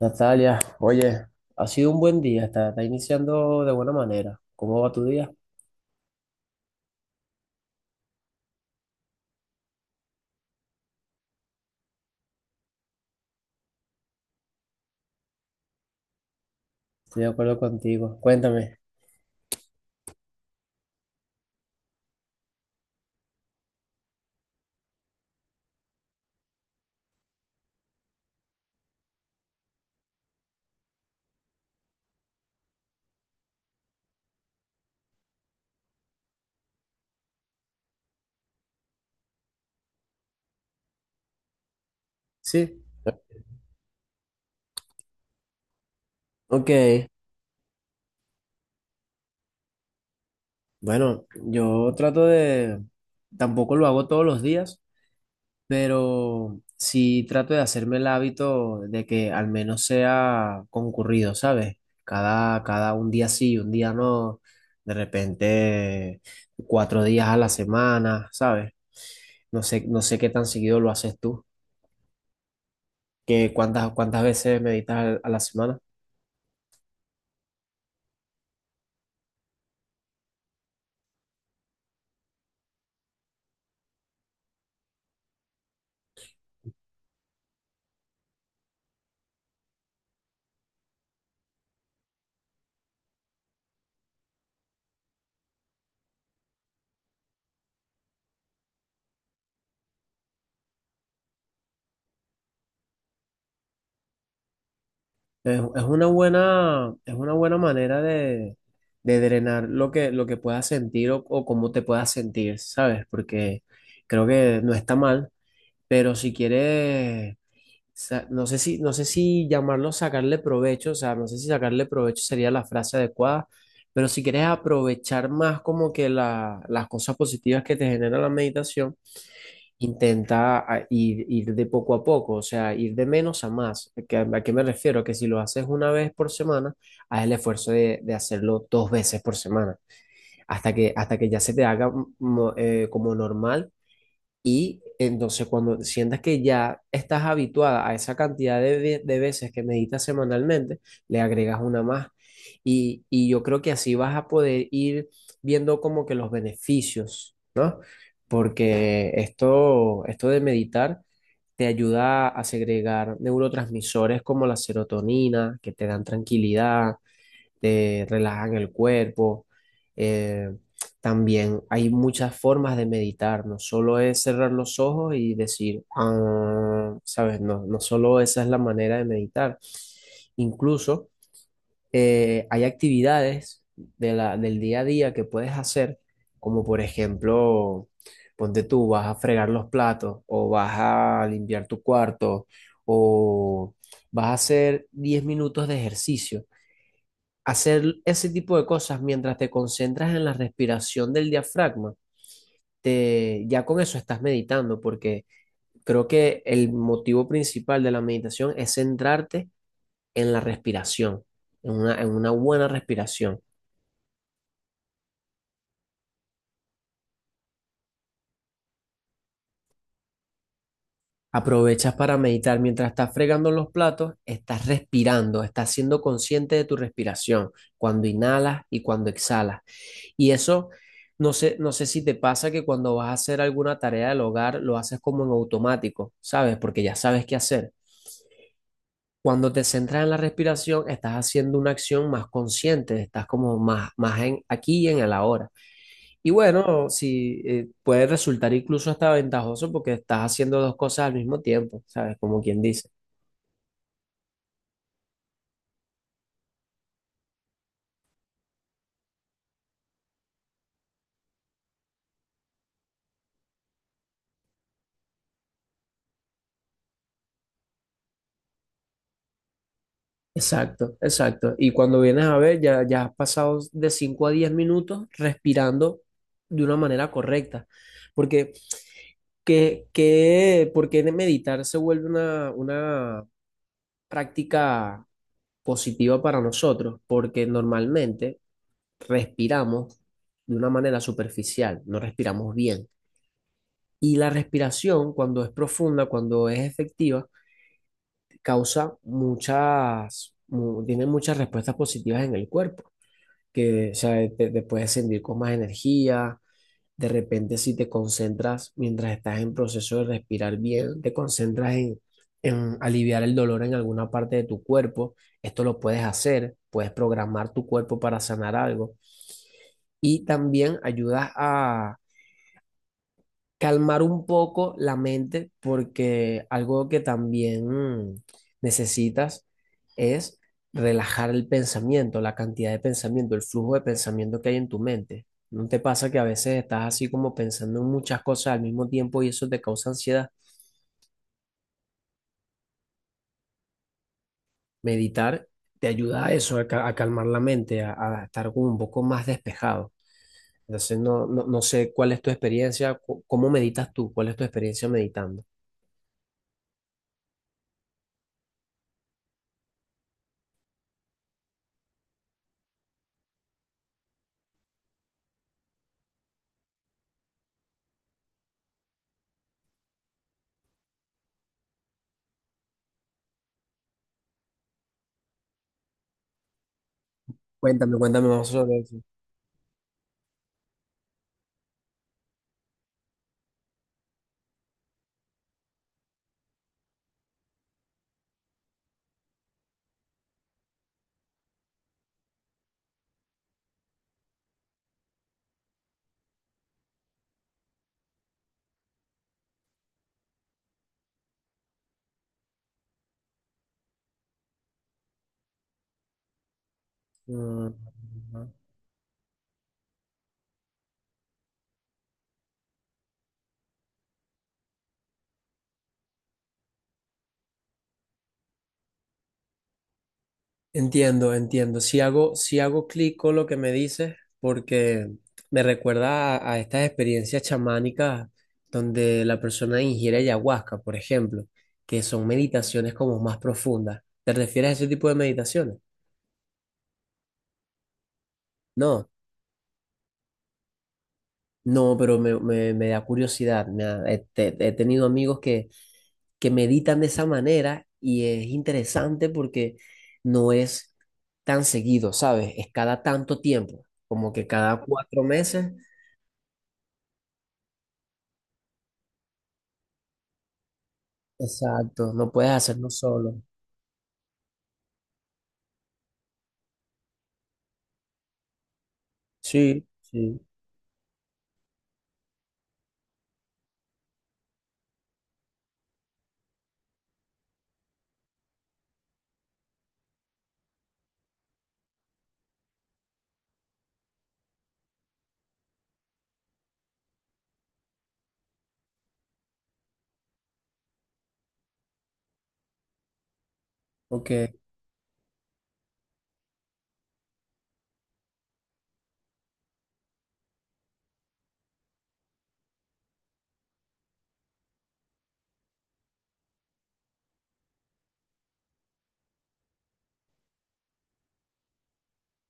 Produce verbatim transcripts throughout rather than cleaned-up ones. Natalia, oye, ha sido un buen día, está, está iniciando de buena manera. ¿Cómo va tu día? Estoy de acuerdo contigo. Cuéntame. Sí. Ok, bueno, yo trato de, tampoco lo hago todos los días, pero sí trato de hacerme el hábito de que al menos sea concurrido, ¿sabes? Cada, cada un día sí, un día no, de repente cuatro días a la semana, ¿sabes? No sé, no sé qué tan seguido lo haces tú. Que cuántas, cuántas veces meditas al- a la semana. Es, es una buena, es una buena manera de, de drenar lo que, lo que puedas sentir o, o cómo te puedas sentir, ¿sabes? Porque creo que no está mal, pero si quieres, sa- no sé si, no sé si llamarlo sacarle provecho, o sea, no sé si sacarle provecho sería la frase adecuada, pero si quieres aprovechar más como que la- las cosas positivas que te genera la meditación. Intenta a- ir, ir de poco a poco, o sea, ir de menos a más. ¿Que- ¿A qué me refiero? Que si lo haces una vez por semana, haz el esfuerzo de, de hacerlo dos veces por semana, hasta que, hasta que ya se te haga mo- eh, como normal, y entonces cuando sientas que ya estás habituada a esa cantidad de, ve- de veces que meditas semanalmente, le agregas una más. Y, y yo creo que así vas a poder ir viendo como que los beneficios, porque esto, esto de meditar te ayuda a segregar neurotransmisores como la serotonina, que te dan tranquilidad, te relajan el cuerpo. Eh, También hay muchas formas de meditar, no solo es cerrar los ojos y decir, "Ah", ¿sabes? No, no solo esa es la manera de meditar. Incluso eh, hay actividades de la- del día a día que puedes hacer, como por ejemplo, ponte tú, vas a fregar los platos o vas a limpiar tu cuarto o vas a hacer diez minutos de ejercicio. Hacer ese tipo de cosas mientras te concentras en la respiración del diafragma, te, ya con eso estás meditando, porque creo que el motivo principal de la meditación es centrarte en la respiración, en una, en una buena respiración. Aprovechas para meditar. Mientras estás fregando los platos, estás respirando, estás siendo consciente de tu respiración, cuando inhalas y cuando exhalas. Y eso, no sé, no sé si te pasa que cuando vas a hacer alguna tarea del hogar, lo haces como en automático, ¿sabes? Porque ya sabes qué hacer. Cuando te centras en la respiración, estás haciendo una acción más consciente, estás como más, más en aquí y en el ahora. Y bueno, si eh, puede resultar incluso hasta ventajoso porque estás haciendo dos cosas al mismo tiempo, ¿sabes? Como quien dice. Exacto, exacto. Y cuando vienes a ver, ya, ya has pasado de cinco a diez minutos respirando de una manera correcta. Porque, que, que, ¿por qué meditar se vuelve una, una práctica positiva para nosotros? Porque normalmente respiramos de una manera superficial, no respiramos bien. Y la respiración, cuando es profunda, cuando es efectiva, causa muchas, mu- tiene muchas respuestas positivas en el cuerpo. Que o sea, te, te puedes sentir con más energía. De repente, si te concentras mientras estás en proceso de respirar bien, te concentras en, en aliviar el dolor en alguna parte de tu cuerpo. Esto lo puedes hacer, puedes programar tu cuerpo para sanar algo. Y también ayudas a calmar un poco la mente porque algo que también mm, necesitas es relajar el pensamiento, la cantidad de pensamiento, el flujo de pensamiento que hay en tu mente. ¿No te pasa que a veces estás así como pensando en muchas cosas al mismo tiempo y eso te causa ansiedad? Meditar te ayuda a eso, a, ca- a calmar la mente, a, a estar como un poco más despejado. Entonces, no, no, no sé cuál es tu experiencia, cu- cómo meditas tú, cuál es tu experiencia meditando. Cuéntame, cuéntame más sobre eso. Mm. Entiendo, entiendo. Si hago, si hago clic con lo que me dices, porque me recuerda a, a estas experiencias chamánicas donde la persona ingiere ayahuasca, por ejemplo, que son meditaciones como más profundas. ¿Te refieres a ese tipo de meditaciones? No. No, pero me, me- me da curiosidad. Me da- he, te- he tenido amigos que, que meditan de esa manera y es interesante porque no es tan seguido, ¿sabes? Es cada tanto tiempo, como que cada cuatro meses. Exacto, no puedes hacerlo solo. Sí, sí, ok,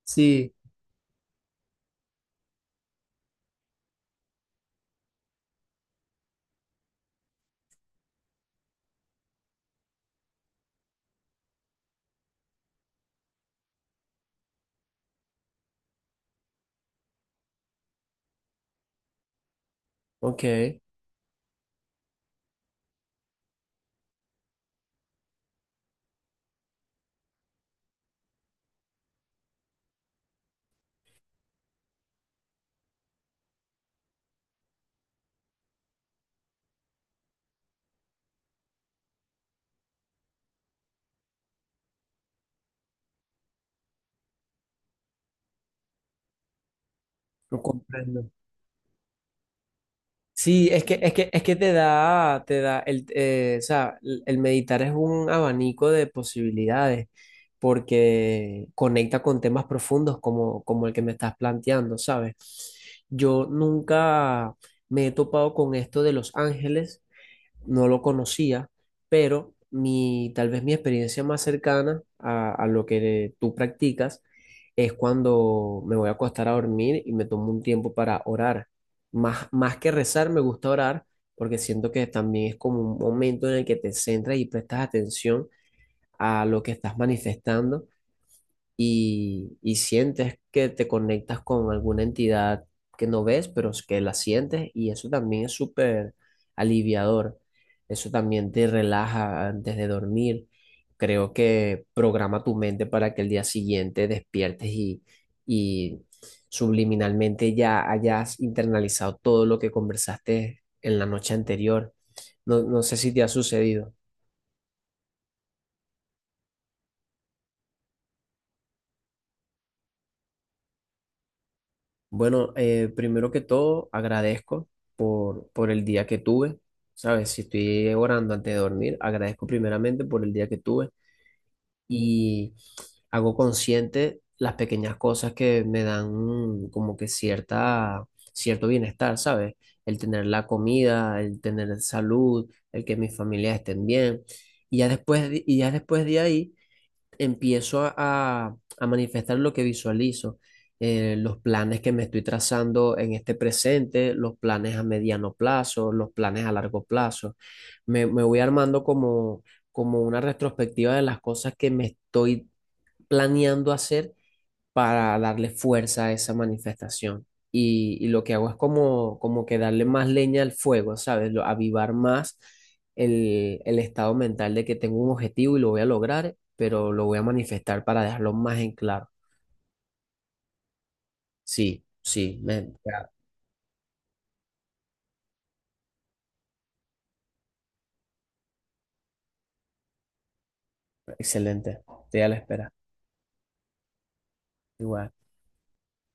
sí, ok, lo comprendo. Sí, es que, es que, es que te da, te da el, eh, o sea, l- el meditar es un abanico de posibilidades porque conecta con temas profundos como, como el que me estás planteando, ¿sabes? Yo nunca me he topado con esto de los ángeles, no lo conocía, pero mi, tal vez mi experiencia más cercana a, a lo que tú practicas es cuando me voy a acostar a dormir y me tomo un tiempo para orar. Más, más que rezar, me gusta orar porque siento que también es como un momento en el que te centras y prestas atención a lo que estás manifestando y, y sientes que te conectas con alguna entidad que no ves, pero es que la sientes y eso también es súper aliviador. Eso también te relaja antes de dormir. Creo que programa tu mente para que el día siguiente despiertes y, y subliminalmente ya hayas internalizado todo lo que conversaste en la noche anterior. No, no sé si te ha sucedido. Bueno, eh, primero que todo, agradezco por, por el día que tuve, ¿sabes? Si estoy orando antes de dormir, agradezco primeramente por el día que tuve y hago consciente las pequeñas cosas que me dan mm, como que cierta, cierto bienestar, ¿sabes? El tener la comida, el tener salud, el que mis familias estén bien. Y ya después, de- y ya después de ahí empiezo a, a- a manifestar lo que visualizo, eh, los planes que me estoy trazando en este presente, los planes a mediano plazo, los planes a largo plazo. Me, me voy armando como, como una retrospectiva de las cosas que me estoy planeando hacer para darle fuerza a esa manifestación. Y, y lo que hago es como, como que darle más leña al fuego, ¿sabes? Lo- avivar más el, el estado mental de que tengo un objetivo y lo voy a lograr, pero lo voy a manifestar para dejarlo más en claro. Sí, sí, me- ya, excelente. Estoy a la espera. Igual.